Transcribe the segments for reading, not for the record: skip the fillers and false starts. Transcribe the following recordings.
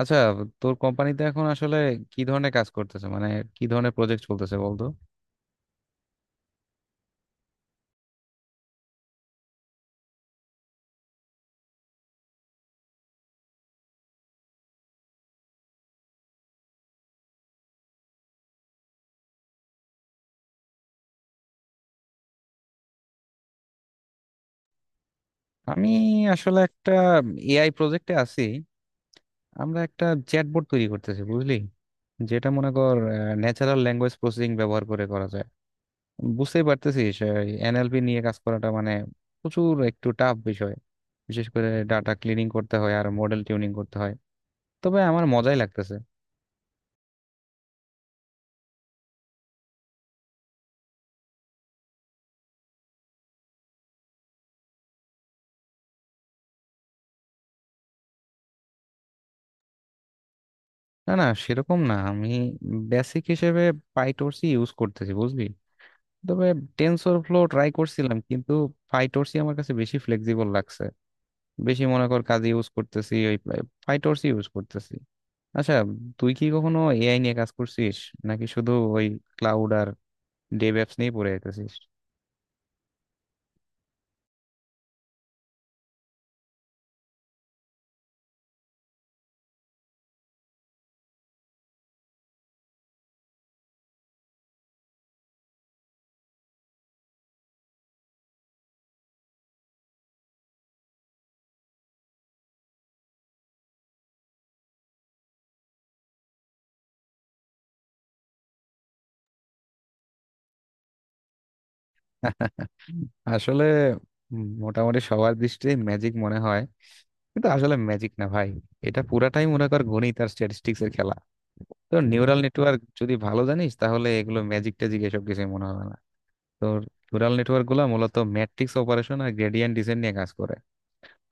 আচ্ছা, তোর কোম্পানিতে এখন আসলে কি ধরনের কাজ করতেছে মানে কি ধরনের প্রজেক্ট চলতেছে বলতো? আমি আসলে একটা এআই প্রজেক্টে আছি। আমরা একটা চ্যাটবট তৈরি করতেছি বুঝলি, যেটা মনে কর ন্যাচারাল ল্যাঙ্গুয়েজ প্রসেসিং ব্যবহার করে করা যায়। বুঝতেই পারতেছিস, এনএলপি নিয়ে কাজ করাটা মানে প্রচুর একটু টাফ বিষয়। বিশেষ করে ডাটা ক্লিনিং করতে হয় আর মডেল টিউনিং করতে হয়, তবে আমার মজাই লাগতেছে। না না, সেরকম না, আমি বেসিক হিসেবে পাইটর্চই ইউজ করতেছি বুঝলি। তবে টেনসর ফ্লো ট্রাই করছিলাম কিন্তু ফাইটোরসি আমার কাছে বেশি ফ্লেক্সিবল লাগছে। বেশি মনে কর কাজে ইউজ করতেছি, ওই ফাইটোরসি ইউজ করতেছি। আচ্ছা, তুই কি কখনো এআই নিয়ে কাজ করছিস, নাকি শুধু ওই ক্লাউড আর ডেভ অ্যাপস নিয়ে পড়ে যেতেছিস? আসলে মোটামুটি সবার দৃষ্টিতে ম্যাজিক মনে হয়, কিন্তু আসলে ম্যাজিক না ভাই। এটা পুরাটাই মনে কর গণিত আর স্ট্যাটিস্টিক্স এর খেলা। তো নিউরাল নেটওয়ার্ক যদি ভালো জানিস, তাহলে এগুলো ম্যাজিক ট্যাজিক এসব কিছু মনে হবে না। তো নিউরাল নেটওয়ার্ক গুলা মূলত ম্যাট্রিক্স অপারেশন আর গ্রেডিয়েন্ট ডিসেন্ট নিয়ে কাজ করে।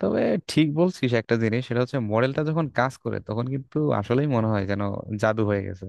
তবে ঠিক বলছিস একটা জিনিস, সেটা হচ্ছে মডেলটা যখন কাজ করে তখন কিন্তু আসলেই মনে হয় যেন জাদু হয়ে গেছে।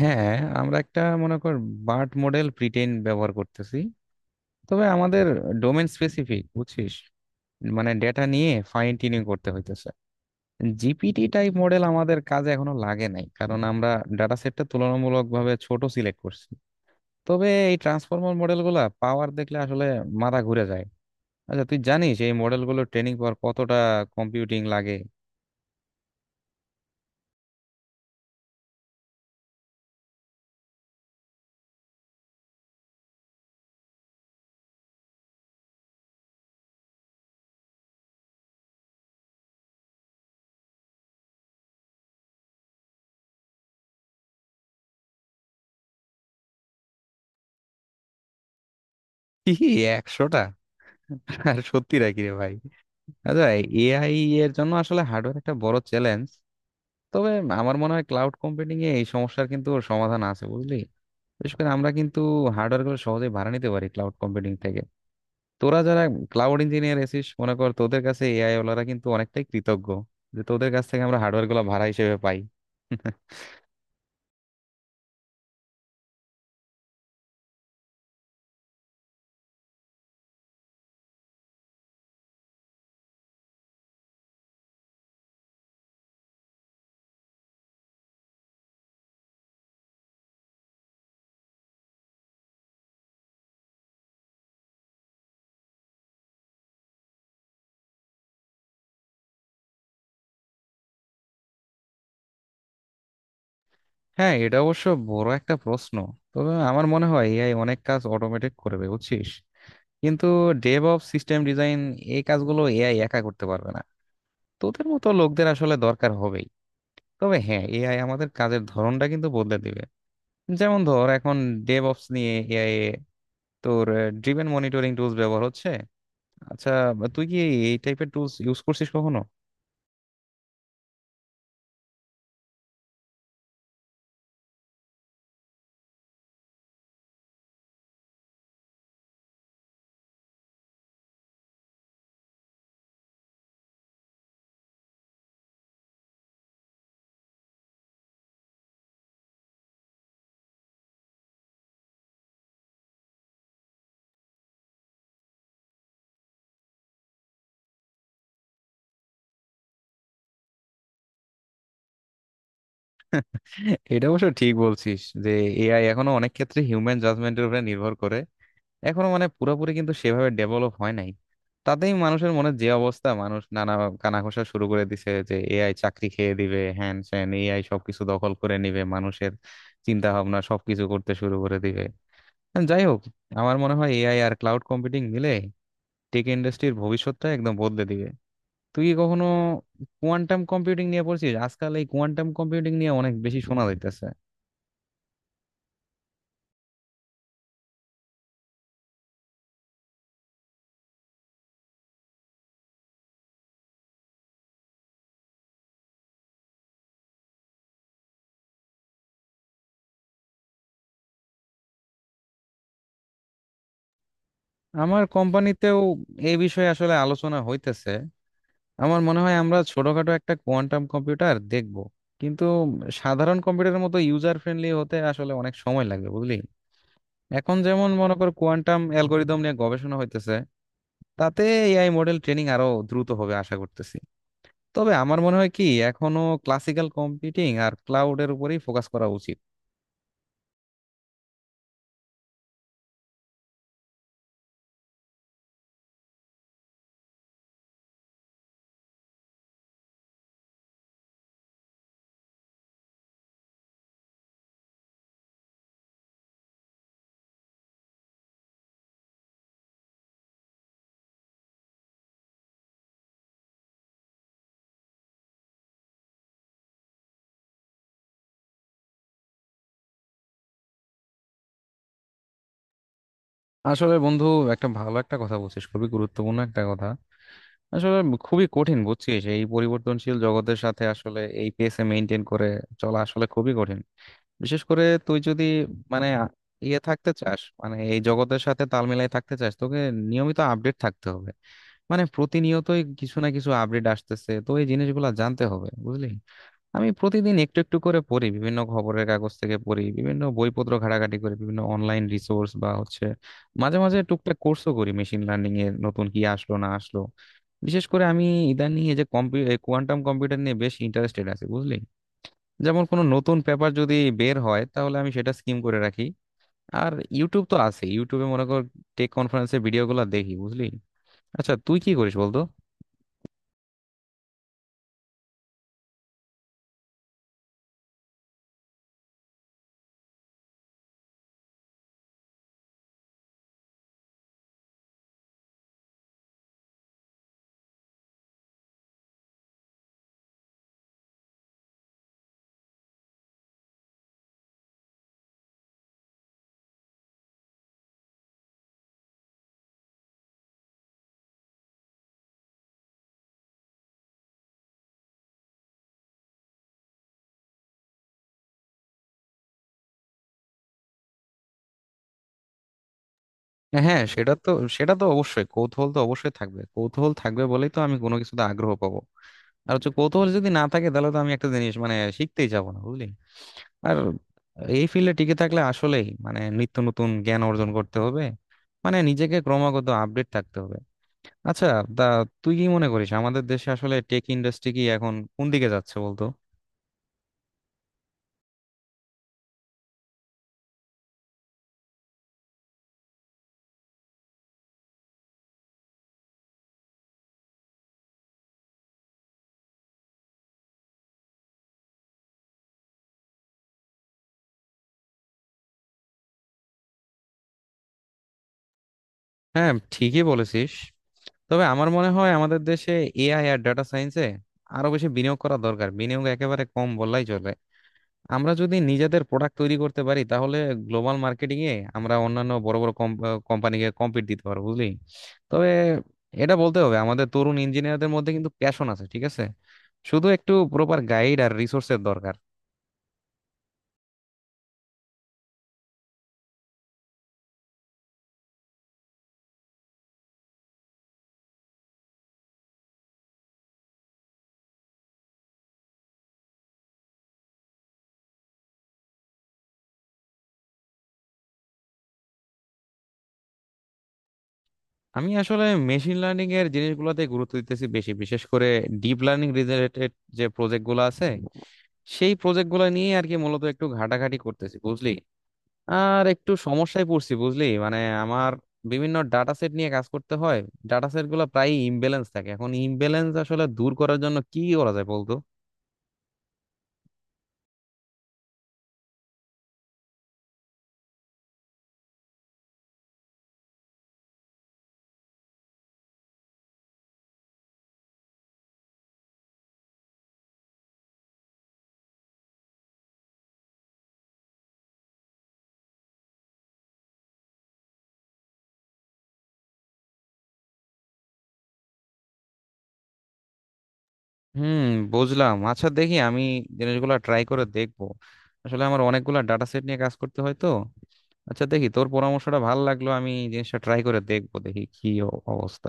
হ্যাঁ, আমরা একটা মনে কর বার্ট মডেল প্রিটেইন ব্যবহার করতেছি। তবে আমাদের ডোমেন স্পেসিফিক বুঝছিস, মানে ডেটা নিয়ে ফাইন টিউনিং করতে হইতেছে। জিপিটি টাইপ মডেল আমাদের কাজে এখনো লাগে নাই, কারণ আমরা ডাটা সেটটা তুলনামূলকভাবে ছোট সিলেক্ট করছি। তবে এই ট্রান্সফর্মার মডেলগুলা পাওয়ার দেখলে আসলে মাথা ঘুরে যায়। আচ্ছা, তুই জানিস এই মডেলগুলো ট্রেনিং পাওয়ার কতটা কম্পিউটিং লাগে? কি, 100টা? আর সত্যি নাকি রে ভাই? আচ্ছা, এআই এর জন্য আসলে হার্ডওয়্যার একটা বড় চ্যালেঞ্জ। তবে আমার মনে হয় ক্লাউড কম্পিউটিং এ এই সমস্যার কিন্তু সমাধান আছে বুঝলি। বিশেষ করে আমরা কিন্তু হার্ডওয়্যার গুলো সহজেই ভাড়া নিতে পারি ক্লাউড কম্পিউটিং থেকে। তোরা যারা ক্লাউড ইঞ্জিনিয়ার এসিস মনে কর, তোদের কাছে এআই ওলারা কিন্তু অনেকটাই কৃতজ্ঞ, যে তোদের কাছ থেকে আমরা হার্ডওয়্যার গুলো ভাড়া হিসেবে পাই। হ্যাঁ, এটা অবশ্য বড় একটা প্রশ্ন। তবে আমার মনে হয় এআই অনেক কাজ অটোমেটেড করবে বুঝছিস, কিন্তু ডেভঅপস, সিস্টেম ডিজাইন, এই কাজগুলো এআই একা করতে পারবে না। তোদের মতো লোকদের আসলে দরকার হবেই। তবে হ্যাঁ, এআই আমাদের কাজের ধরনটা কিন্তু বদলে দিবে। যেমন ধর এখন ডেভঅপস নিয়ে এআই তোর ড্রিভেন মনিটরিং টুলস ব্যবহার হচ্ছে। আচ্ছা, তুই কি এই টাইপের টুলস ইউজ করছিস কখনো? এটা অবশ্য ঠিক বলছিস, যে এআই এখনো অনেক ক্ষেত্রে হিউম্যান জাজমেন্টের উপরে নির্ভর করে। এখনো মানে পুরোপুরি কিন্তু সেভাবে ডেভেলপ হয় নাই। তাতেই মানুষের মনে যে অবস্থা, মানুষ নানা কানাঘোষা শুরু করে দিছে যে এআই চাকরি খেয়ে দিবে, হ্যান স্যান এআই সবকিছু দখল করে নিবে, মানুষের চিন্তা ভাবনা সবকিছু করতে শুরু করে দিবে। যাই হোক, আমার মনে হয় এআই আর ক্লাউড কম্পিউটিং মিলে টেক ইন্ডাস্ট্রির ভবিষ্যৎটা একদম বদলে দিবে। তুই কি কখনো কোয়ান্টাম কম্পিউটিং নিয়ে পড়ছিস? আজকাল এই কোয়ান্টাম কম্পিউটিং নিয়ে অনেক বেশি শোনা যাইতেছে। আমার কোম্পানিতেও এই বিষয়ে আসলে আলোচনা হইতেছে। আমার মনে হয় আমরা ছোটখাটো একটা কোয়ান্টাম কম্পিউটার দেখব, কিন্তু সাধারণ কম্পিউটারের মতো ইউজার ফ্রেন্ডলি হতে আসলে অনেক সময় লাগবে বুঝলি। এখন যেমন মনে কর কোয়ান্টাম অ্যালগোরিদম নিয়ে গবেষণা হইতেছে, তাতে এআই মডেল ট্রেনিং আরো দ্রুত হবে আশা করতেছি। তবে আমার মনে হয় কি, এখনো ক্লাসিক্যাল কম্পিউটিং আর ক্লাউডের উপরেই ফোকাস করা উচিত। আসলে বন্ধু, একটা ভালো একটা কথা বলছিস, খুবই গুরুত্বপূর্ণ একটা কথা। আসলে খুবই কঠিন বুঝছিস, এই পরিবর্তনশীল জগতের সাথে আসলে এই পেসে মেনটেন করে চলা আসলে খুবই কঠিন। বিশেষ করে তুই যদি মানে ইয়ে থাকতে চাস, মানে এই জগতের সাথে তাল মিলাই থাকতে চাস, তোকে নিয়মিত আপডেট থাকতে হবে। মানে প্রতিনিয়তই কিছু না কিছু আপডেট আসতেছে, তো এই জিনিসগুলো জানতে হবে বুঝলি। আমি প্রতিদিন একটু একটু করে পড়ি, বিভিন্ন খবরের কাগজ থেকে পড়ি, বিভিন্ন বইপত্র ঘাটাঘাটি করি, বিভিন্ন অনলাইন রিসোর্স বা হচ্ছে মাঝে মাঝে টুকটাক কোর্সও করি, মেশিন লার্নিং এর নতুন কি আসলো না আসলো। বিশেষ করে আমি ইদানিং এই যে কোয়ান্টাম কম্পিউটার নিয়ে বেশ ইন্টারেস্টেড আছি বুঝলি। যেমন কোনো নতুন পেপার যদি বের হয়, তাহলে আমি সেটা স্কিম করে রাখি। আর ইউটিউব তো আছে, ইউটিউবে মনে কর টেক কনফারেন্সের ভিডিওগুলো দেখি বুঝলি। আচ্ছা, তুই কি করিস বলতো? হ্যাঁ সেটা তো, সেটা তো অবশ্যই, কৌতূহল তো অবশ্যই থাকবে, কৌতূহল থাকবে বলেই তো আমি কোনো কিছুতে আগ্রহ পাবো। আর হচ্ছে কৌতূহল যদি না থাকে, তাহলে তো আমি একটা জিনিস মানে শিখতেই যাবো না বুঝলি। আর এই ফিল্ডে টিকে থাকলে আসলেই মানে নিত্য নতুন জ্ঞান অর্জন করতে হবে, মানে নিজেকে ক্রমাগত আপডেট থাকতে হবে। আচ্ছা, তা তুই কি মনে করিস আমাদের দেশে আসলে টেক ইন্ডাস্ট্রি কি এখন কোন দিকে যাচ্ছে বলতো? হ্যাঁ, ঠিকই বলেছিস। তবে আমার মনে হয় আমাদের দেশে এআই আর ডেটা সায়েন্সে আরো বেশি বিনিয়োগ করা দরকার, বিনিয়োগ একেবারে কম বললেই চলে। আমরা যদি নিজেদের প্রোডাক্ট তৈরি করতে পারি, তাহলে গ্লোবাল মার্কেটিং এ আমরা অন্যান্য বড় বড় কোম্পানিকে কম্পিট দিতে পারবো বুঝলি। তবে এটা বলতে হবে, আমাদের তরুণ ইঞ্জিনিয়ারদের মধ্যে কিন্তু প্যাশন আছে, ঠিক আছে। শুধু একটু প্রপার গাইড আর রিসোর্সের দরকার। আমি আসলে মেশিন লার্নিং এর জিনিসগুলোতে গুরুত্ব দিতেছি বেশি, বিশেষ করে ডিপ লার্নিং রিলেটেড যে প্রজেক্ট গুলো আছে, সেই প্রজেক্ট গুলো নিয়ে আর কি মূলত একটু ঘাটাঘাটি করতেছি বুঝলি। আর একটু সমস্যায় পড়ছি বুঝলি, মানে আমার বিভিন্ন ডাটা সেট নিয়ে কাজ করতে হয়। ডাটা সেট গুলো প্রায় ইমব্যালেন্স থাকে, এখন ইমব্যালেন্স আসলে দূর করার জন্য কি করা যায় বলতো? হুম, বুঝলাম। আচ্ছা দেখি, আমি জিনিসগুলো ট্রাই করে দেখবো। আসলে আমার অনেকগুলো ডাটা সেট নিয়ে কাজ করতে হয় তো। আচ্ছা দেখি, তোর পরামর্শটা ভালো লাগলো, আমি জিনিসটা ট্রাই করে দেখবো, দেখি কি অবস্থা।